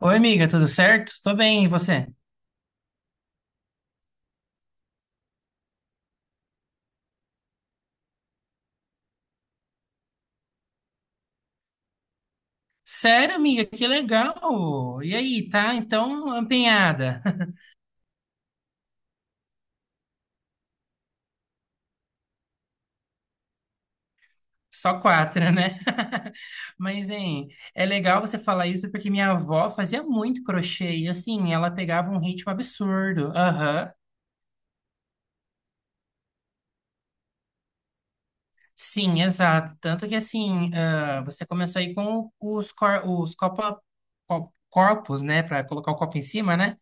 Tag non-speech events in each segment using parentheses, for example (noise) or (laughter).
Oi, amiga, tudo certo? Tô bem, e você? Sério, amiga, que legal! E aí, tá? Então, empenhada. (laughs) Só quatro, né? (laughs) Mas, hein, é legal você falar isso porque minha avó fazia muito crochê e, assim, ela pegava um ritmo absurdo. Aham. Sim, exato. Tanto que, assim, você começou aí com os corpos, né? Pra colocar o copo em cima, né?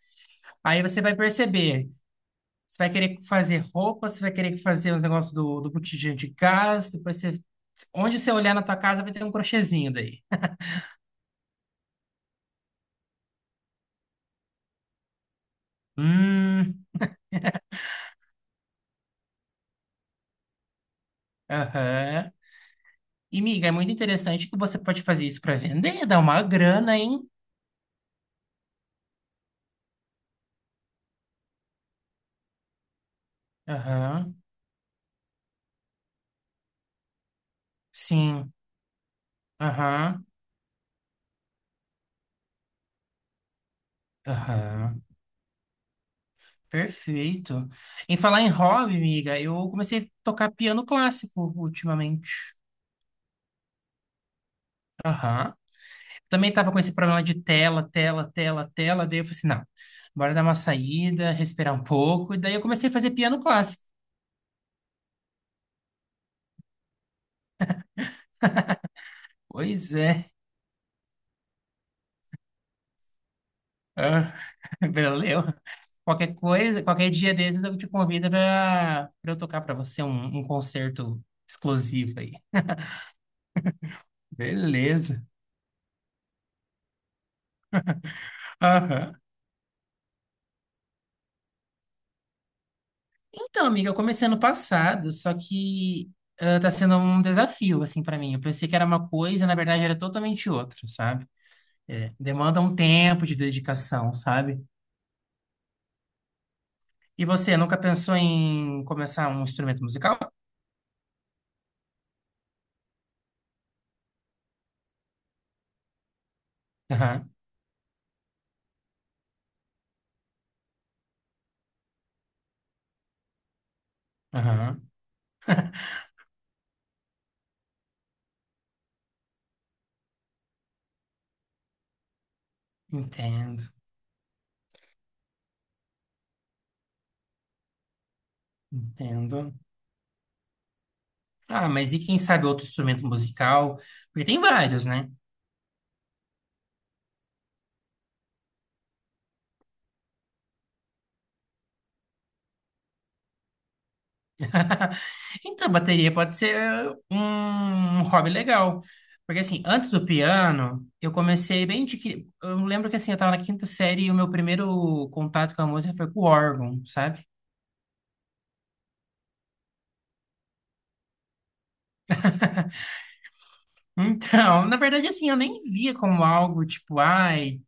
Aí você vai perceber. Você vai querer fazer roupa, você vai querer fazer os negócios do botijão de gás, depois você. Onde você olhar na tua casa vai ter um crochêzinho daí. Hum, aham. E, miga, é muito interessante que você pode fazer isso para vender, dar uma grana, hein? Aham, sim, aham, aham. Perfeito. Em falar em hobby, miga, eu comecei a tocar piano clássico ultimamente. Aham. Também estava com esse problema de tela, tela, tela, tela. Daí eu falei assim, não, bora dar uma saída, respirar um pouco. E daí eu comecei a fazer piano clássico. Pois é, ah, (laughs) valeu. Qualquer coisa, qualquer dia desses eu te convido para eu tocar para você um concerto exclusivo aí. Beleza. Aham. Então, amiga, eu comecei ano passado, só que tá sendo um desafio, assim, para mim. Eu pensei que era uma coisa, na verdade era totalmente outra, sabe? É, demanda um tempo de dedicação, sabe? E você nunca pensou em começar um instrumento musical? Aham, aham, entendo, entendo. Ah, mas e quem sabe outro instrumento musical? Porque tem vários, né? (laughs) Então, bateria pode ser um hobby legal. Porque, assim, antes do piano, eu comecei bem de que. Eu lembro que, assim, eu tava na quinta série e o meu primeiro contato com a música foi com o órgão, sabe? (laughs) Então, na verdade, assim, eu nem via como algo tipo, ai,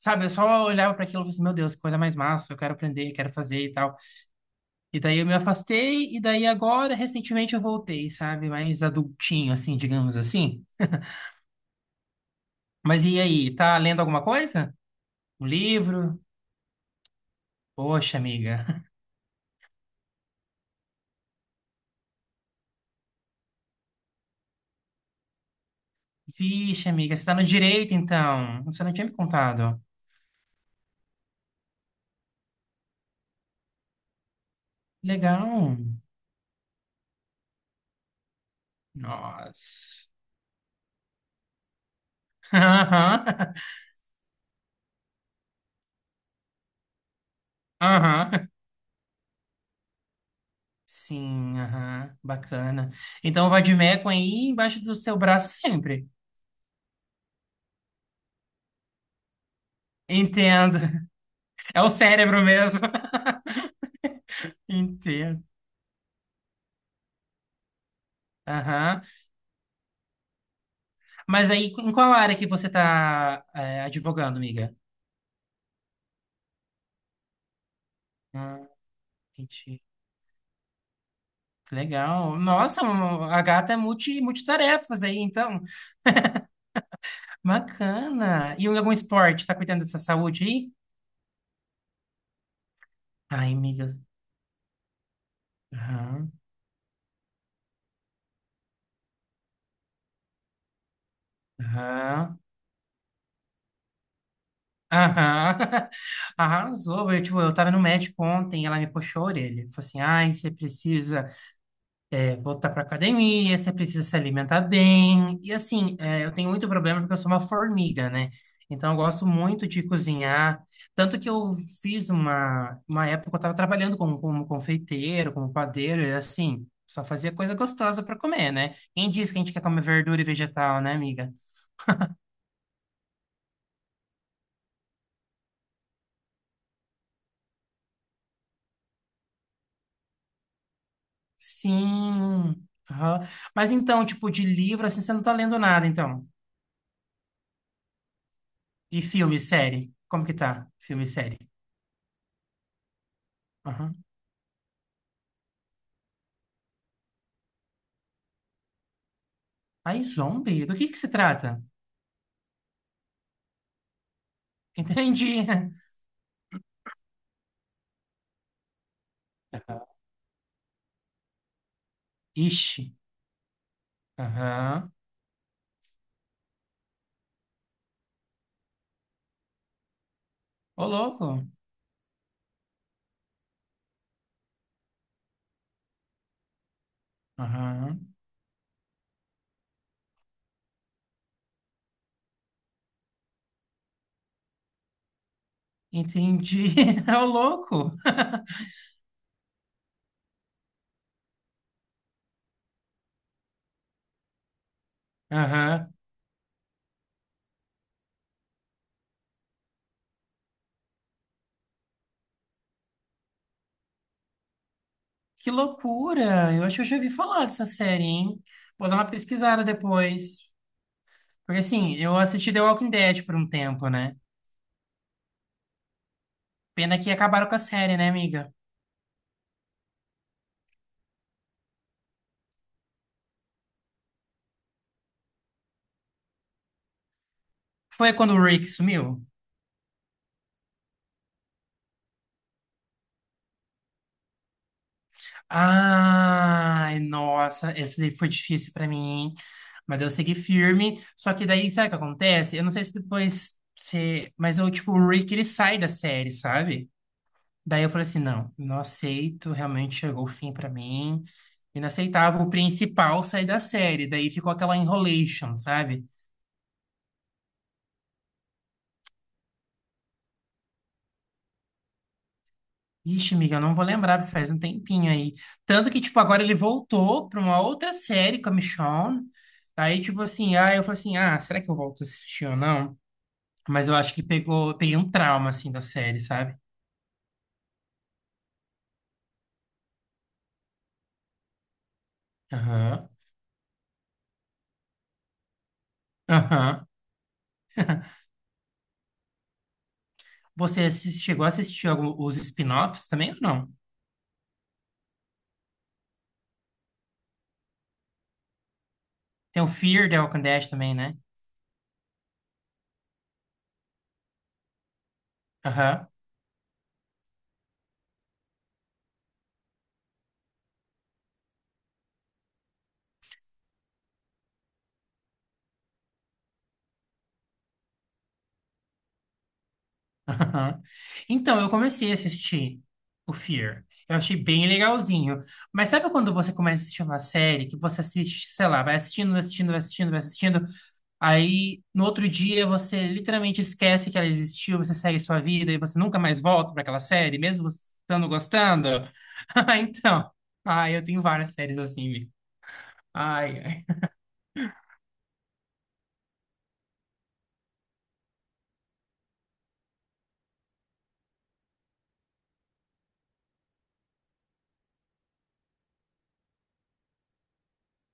sabe, eu só olhava para aquilo e falei assim, meu Deus, que coisa mais massa, eu quero aprender, quero fazer e tal. E daí eu me afastei, e daí agora, recentemente, eu voltei, sabe? Mais adultinho, assim, digamos assim. Mas e aí, tá lendo alguma coisa? Um livro? Poxa, amiga. (laughs) Vixe, amiga, você tá no direito, então. Você não tinha me contado. Legal. Nossa. (laughs) Aham. Aham. Sim, aham. Bacana. Então, o Vadimecum aí embaixo do seu braço sempre. Entendo. (laughs) É o cérebro mesmo. (laughs) Entendo. Aham. Mas aí, em qual área que você tá advogando, amiga? Ah, entendi. Que legal. Nossa, a gata é multitarefas aí, então. Bacana. E algum esporte? Tá cuidando dessa saúde aí? Ai, amiga. Aham. Aham. Aham. (laughs) Arrasou. Eu, tipo, eu tava no médico ontem, ela me puxou a orelha. Falou assim, ai, você precisa voltar para academia, você precisa se alimentar bem. E assim, eu tenho muito problema porque eu sou uma formiga, né? Então eu gosto muito de cozinhar. Tanto que eu fiz uma época que eu estava trabalhando como confeiteiro, como padeiro, e assim, só fazia coisa gostosa para comer, né? Quem diz que a gente quer comer verdura e vegetal, né, amiga? Sim. Aham. Mas então, tipo, de livro, assim, você não tá lendo nada, então. E filme, série? Como que tá? Filme e série? Aham. Ai, zombie? Do que se trata? Entendi. (laughs) Ixi. Aham. Ô, louco. Aham. Entendi. (laughs) Ô, louco. Aham. Que loucura! Eu acho que eu já ouvi falar dessa série, hein? Vou dar uma pesquisada depois. Porque assim, eu assisti The Walking Dead por um tempo, né? Pena que acabaram com a série, né, amiga? Foi quando o Rick sumiu? Ai, nossa, essa daí foi difícil pra mim, hein? Mas eu segui firme. Só que daí, sabe o que acontece? Eu não sei se depois você. Mas eu, tipo, o Rick, ele sai da série, sabe? Daí eu falei assim: não, não aceito. Realmente chegou o fim pra mim. Inaceitável o principal sair da série. Daí ficou aquela enrolation, sabe? Ixi, amiga, eu não vou lembrar, porque faz um tempinho aí. Tanto que, tipo, agora ele voltou pra uma outra série com a Michonne. Aí, tipo assim, ah, eu falei assim: ah, será que eu volto a assistir ou não? Mas eu acho que peguei um trauma, assim, da série, sabe? Aham. Aham. (laughs) Você chegou a assistir algum, os spin-offs também ou não? Tem o Fear the Walking Dead também, né? Aham. Aham. Então, eu comecei a assistir o Fear. Eu achei bem legalzinho. Mas sabe quando você começa a assistir uma série que você assiste, sei lá, vai assistindo, vai assistindo, vai assistindo, vai assistindo, aí no outro dia você literalmente esquece que ela existiu, você segue sua vida e você nunca mais volta para aquela série, mesmo você estando gostando? (laughs) Ah, então, ah, eu tenho várias séries assim, ai, ai.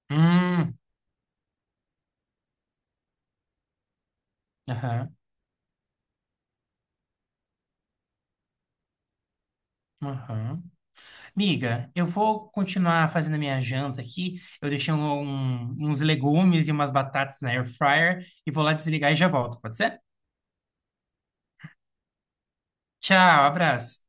Hum, aham, aham. Miga, eu vou continuar fazendo a minha janta aqui. Eu deixei uns legumes e umas batatas na air fryer e vou lá desligar e já volto, pode ser? Tchau, abraço.